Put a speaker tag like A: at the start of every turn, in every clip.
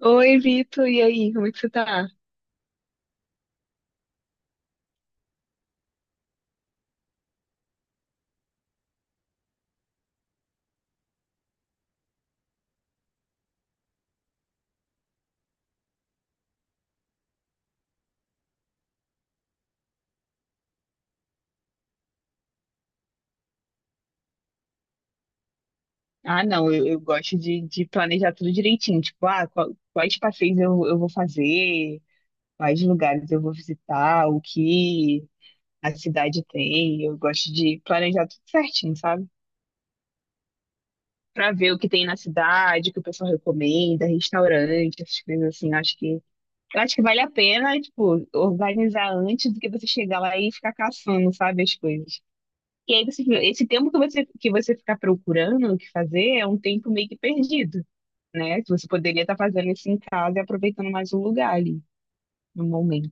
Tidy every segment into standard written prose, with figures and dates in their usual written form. A: Oi, Vitor, e aí, como é que você tá? Ah, não, eu gosto de planejar tudo direitinho. Tipo, ah, quais passeios eu vou fazer, quais lugares eu vou visitar, o que a cidade tem. Eu gosto de planejar tudo certinho, sabe? Pra ver o que tem na cidade, o que o pessoal recomenda, restaurante, essas coisas assim. Eu acho que vale a pena, tipo, organizar antes do que você chegar lá e ficar caçando, sabe, as coisas. E aí você, esse tempo que você ficar procurando o que fazer é um tempo meio que perdido, né? Que você poderia estar fazendo isso em casa e aproveitando mais o lugar ali, no momento.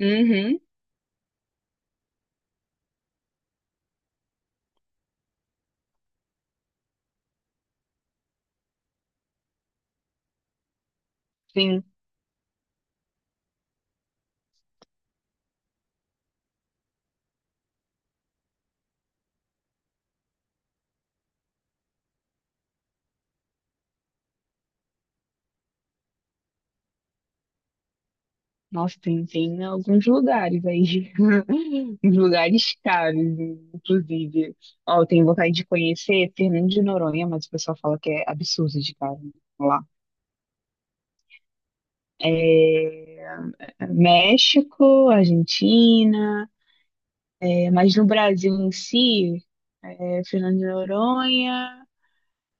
A: Uhum, sim. Nossa, tem alguns lugares aí. Uns lugares caros, inclusive. Ó, eu tenho vontade de conhecer Fernando de Noronha, mas o pessoal fala que é absurdo de caro lá. É, é, México, Argentina. É, mas no Brasil em si, é, Fernando de Noronha,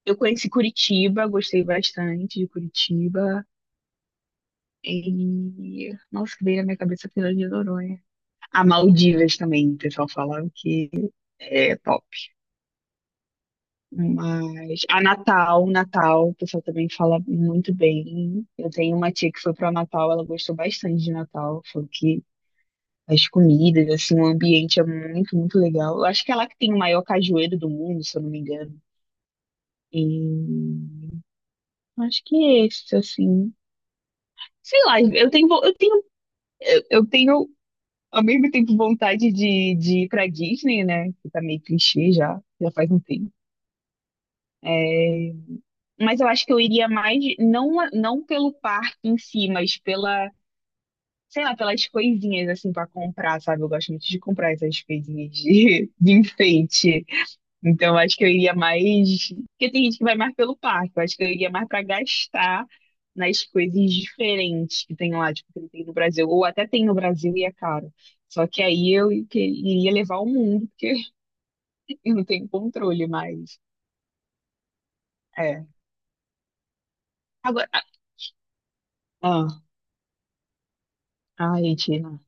A: eu conheci Curitiba, gostei bastante de Curitiba. E, nossa, que veio na minha cabeça Fernando de Noronha. A Maldivas também, o pessoal falava que é top. Mas a Natal, Natal, o pessoal também fala muito bem. Eu tenho uma tia que foi para Natal, ela gostou bastante de Natal, falou que as comidas, assim, o ambiente é muito, muito legal. Eu acho que é lá que tem o maior cajueiro do mundo, se eu não me engano. E acho que é esse, assim. Sei lá, eu tenho ao mesmo tempo vontade de ir pra Disney, né? Que tá meio clichê já, já faz um tempo. Mas eu acho que eu iria mais, não pelo parque em si, mas pela, sei lá, pelas coisinhas, assim, pra comprar, sabe? Eu gosto muito de comprar essas coisinhas de, de enfeite. Então, eu acho que eu iria mais. Porque tem gente que vai mais pelo parque. Eu acho que eu iria mais para gastar nas coisas diferentes que tem lá, tipo, que não tem no Brasil. Ou até tem no Brasil e é caro. Só que aí eu iria levar o mundo, porque eu não tenho controle mais. É. Agora. Ah, ah, Argentina.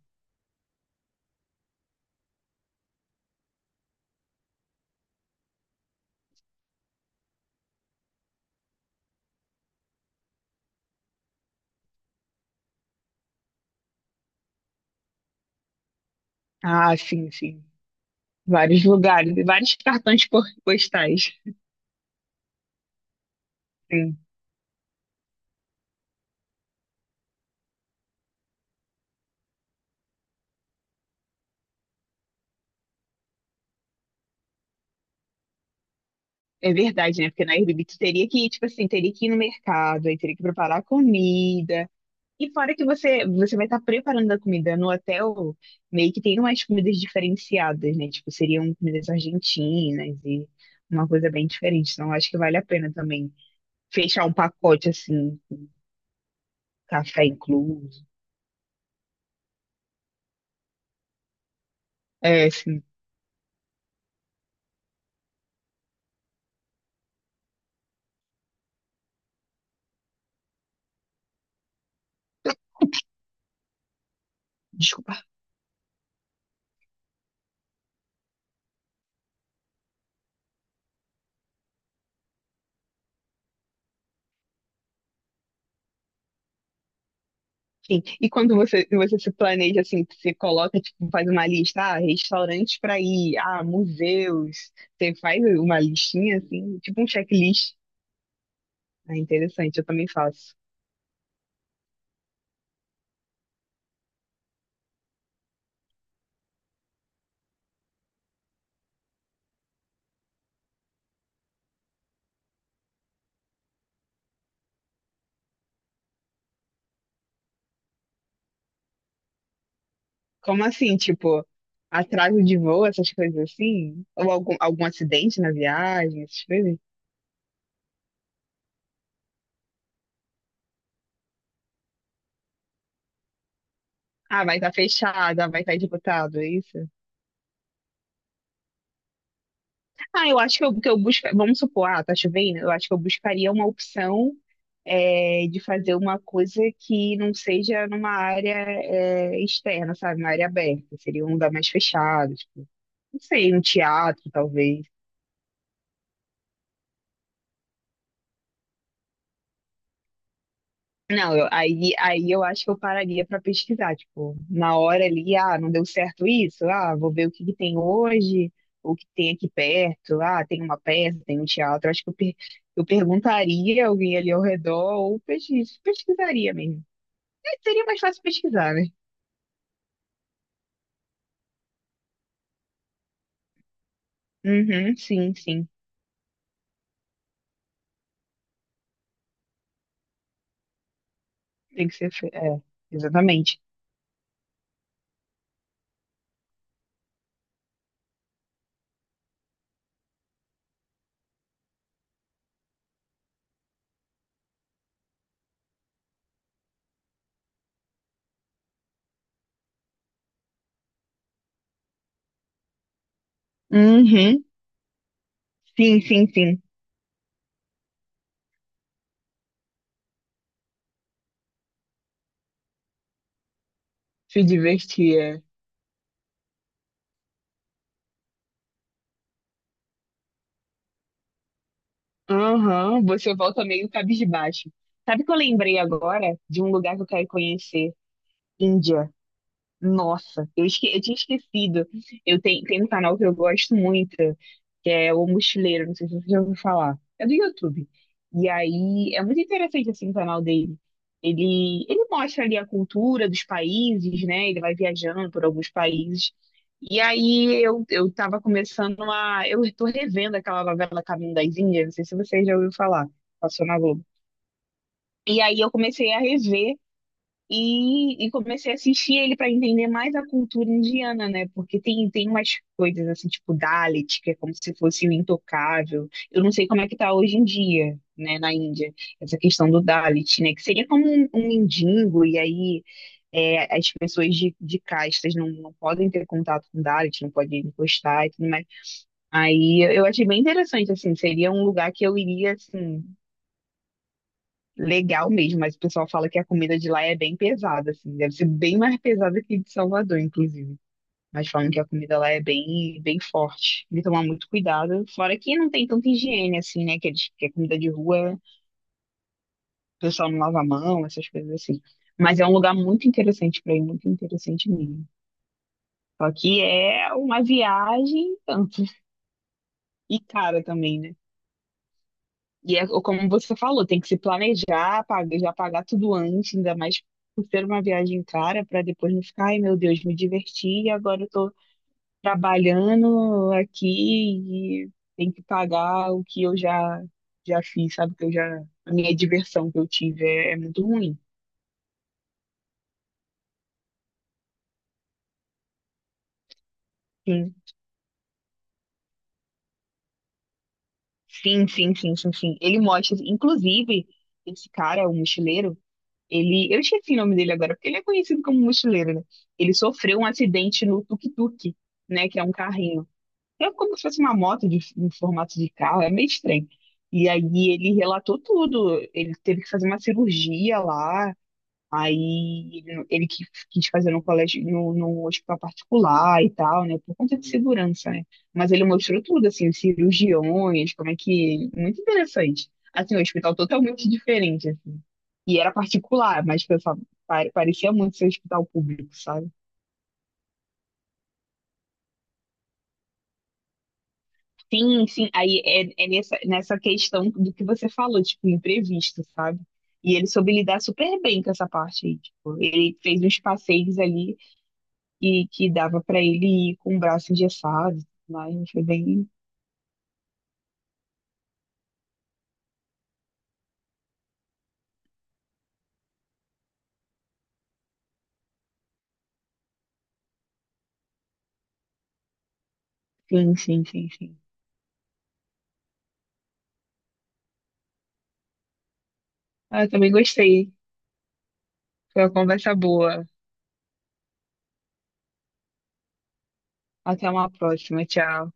A: Ah, sim, sim. Vários lugares, vários postais. Sim. É verdade, né? Porque na Airbnb tu teria que ir, tipo assim, teria que ir no mercado, aí teria que preparar comida. E fora que você vai estar preparando a comida no hotel, meio que tem umas comidas diferenciadas, né? Tipo, seriam comidas argentinas e uma coisa bem diferente. Então, eu acho que vale a pena também fechar um pacote assim, café incluso. É, assim, desculpa. Enfim, e quando você se planeja assim, você coloca, tipo, faz uma lista, ah, restaurantes para ir, ah, museus. Você faz uma listinha assim, tipo um checklist. É interessante, eu também faço. Como assim? Tipo, atraso de voo, essas coisas assim? Ou algum acidente na viagem, essas coisas? Ah, vai estar fechado, ah, vai estar disputado é isso? Ah, eu acho que eu busca... Vamos supor, ah, tá chovendo? Eu acho que eu buscaria uma opção é, de fazer uma coisa que não seja numa área é, externa, sabe? Uma área aberta. Seria um lugar mais fechado, tipo, não sei, um teatro, talvez. Não, eu- aí, aí eu acho que eu pararia para pesquisar, tipo, na hora ali, ah, não deu certo isso, ah, vou ver o que que tem hoje, o que tem aqui perto, ah, tem uma peça, tem um teatro, acho que eu, per- eu perguntaria a alguém ali ao redor ou pesquisaria mesmo. Mas seria mais fácil pesquisar, né? Uhum, sim, sim, tem que ser, fe- é, exatamente. Uhum, sim, sim, sim, se divertir, é. Aham, você volta meio cabisbaixo. Sabe que eu lembrei agora de um lugar que eu quero conhecer? Índia. Nossa, eu tinha esquecido. Tem um canal que eu gosto muito, que é O Mochileiro, não sei se você já ouviu falar. É do YouTube. E aí é muito interessante assim o canal dele. Ele mostra ali a cultura dos países, né? Ele vai viajando por alguns países. E aí eu tava começando a. Eu tô revendo aquela novela Caminho das Índias, não sei se você já ouviu falar, passou na Globo. E aí eu comecei a rever. E comecei a assistir ele para entender mais a cultura indiana, né? Porque tem umas coisas assim, tipo Dalit, que é como se fosse o intocável. Eu não sei como é que tá hoje em dia, né, na Índia, essa questão do Dalit, né? Que seria como um mendigo, e aí é, as pessoas de castas não podem ter contato com Dalit, não podem encostar e tudo mais. Aí eu achei bem interessante, assim, seria um lugar que eu iria, assim legal mesmo, mas o pessoal fala que a comida de lá é bem pesada, assim, deve ser bem mais pesada que de Salvador, inclusive. Mas falam que a comida lá é bem, bem forte. Tem que tomar muito cuidado. Fora que não tem tanta higiene, assim, né? Que, eles, que a comida de rua, o pessoal não lava a mão, essas coisas assim. Mas é um lugar muito interessante pra ir, muito interessante mesmo. Só que é uma viagem e tanto. E cara também, né? E é como você falou, tem que se planejar, pagar, já pagar tudo antes, ainda mais por ser uma viagem cara, para depois não ficar, ai meu Deus, me diverti e agora eu tô trabalhando aqui e tem que pagar o que eu já fiz, sabe? Que eu já a minha diversão que eu tive é muito ruim. Sim, sim, sim, sim, sim, sim. Ele mostra, inclusive, esse cara, o mochileiro. Ele, eu esqueci o nome dele agora, porque ele é conhecido como mochileiro, né? Ele sofreu um acidente no tuk-tuk, né? Que é um carrinho. É como se fosse uma moto de, em formato de carro, é meio estranho. E aí ele relatou tudo. Ele teve que fazer uma cirurgia lá. Ele quis fazer no colégio, no hospital particular e tal, né? Por conta de segurança, né? Mas ele mostrou tudo, assim, os cirurgiões, como é que. Muito interessante. Assim, um hospital totalmente diferente, assim. E era particular, mas pensava, parecia muito ser hospital público, sabe? Sim, sim. Aí é, é nessa questão do que você falou, tipo, imprevisto, sabe? E ele soube lidar super bem com essa parte aí, tipo, ele fez uns passeios ali e que dava pra ele ir com o braço engessado, mas foi bem. Sim, sim, sim, sim. Ah, eu também gostei. Foi uma conversa boa. Até uma próxima. Tchau.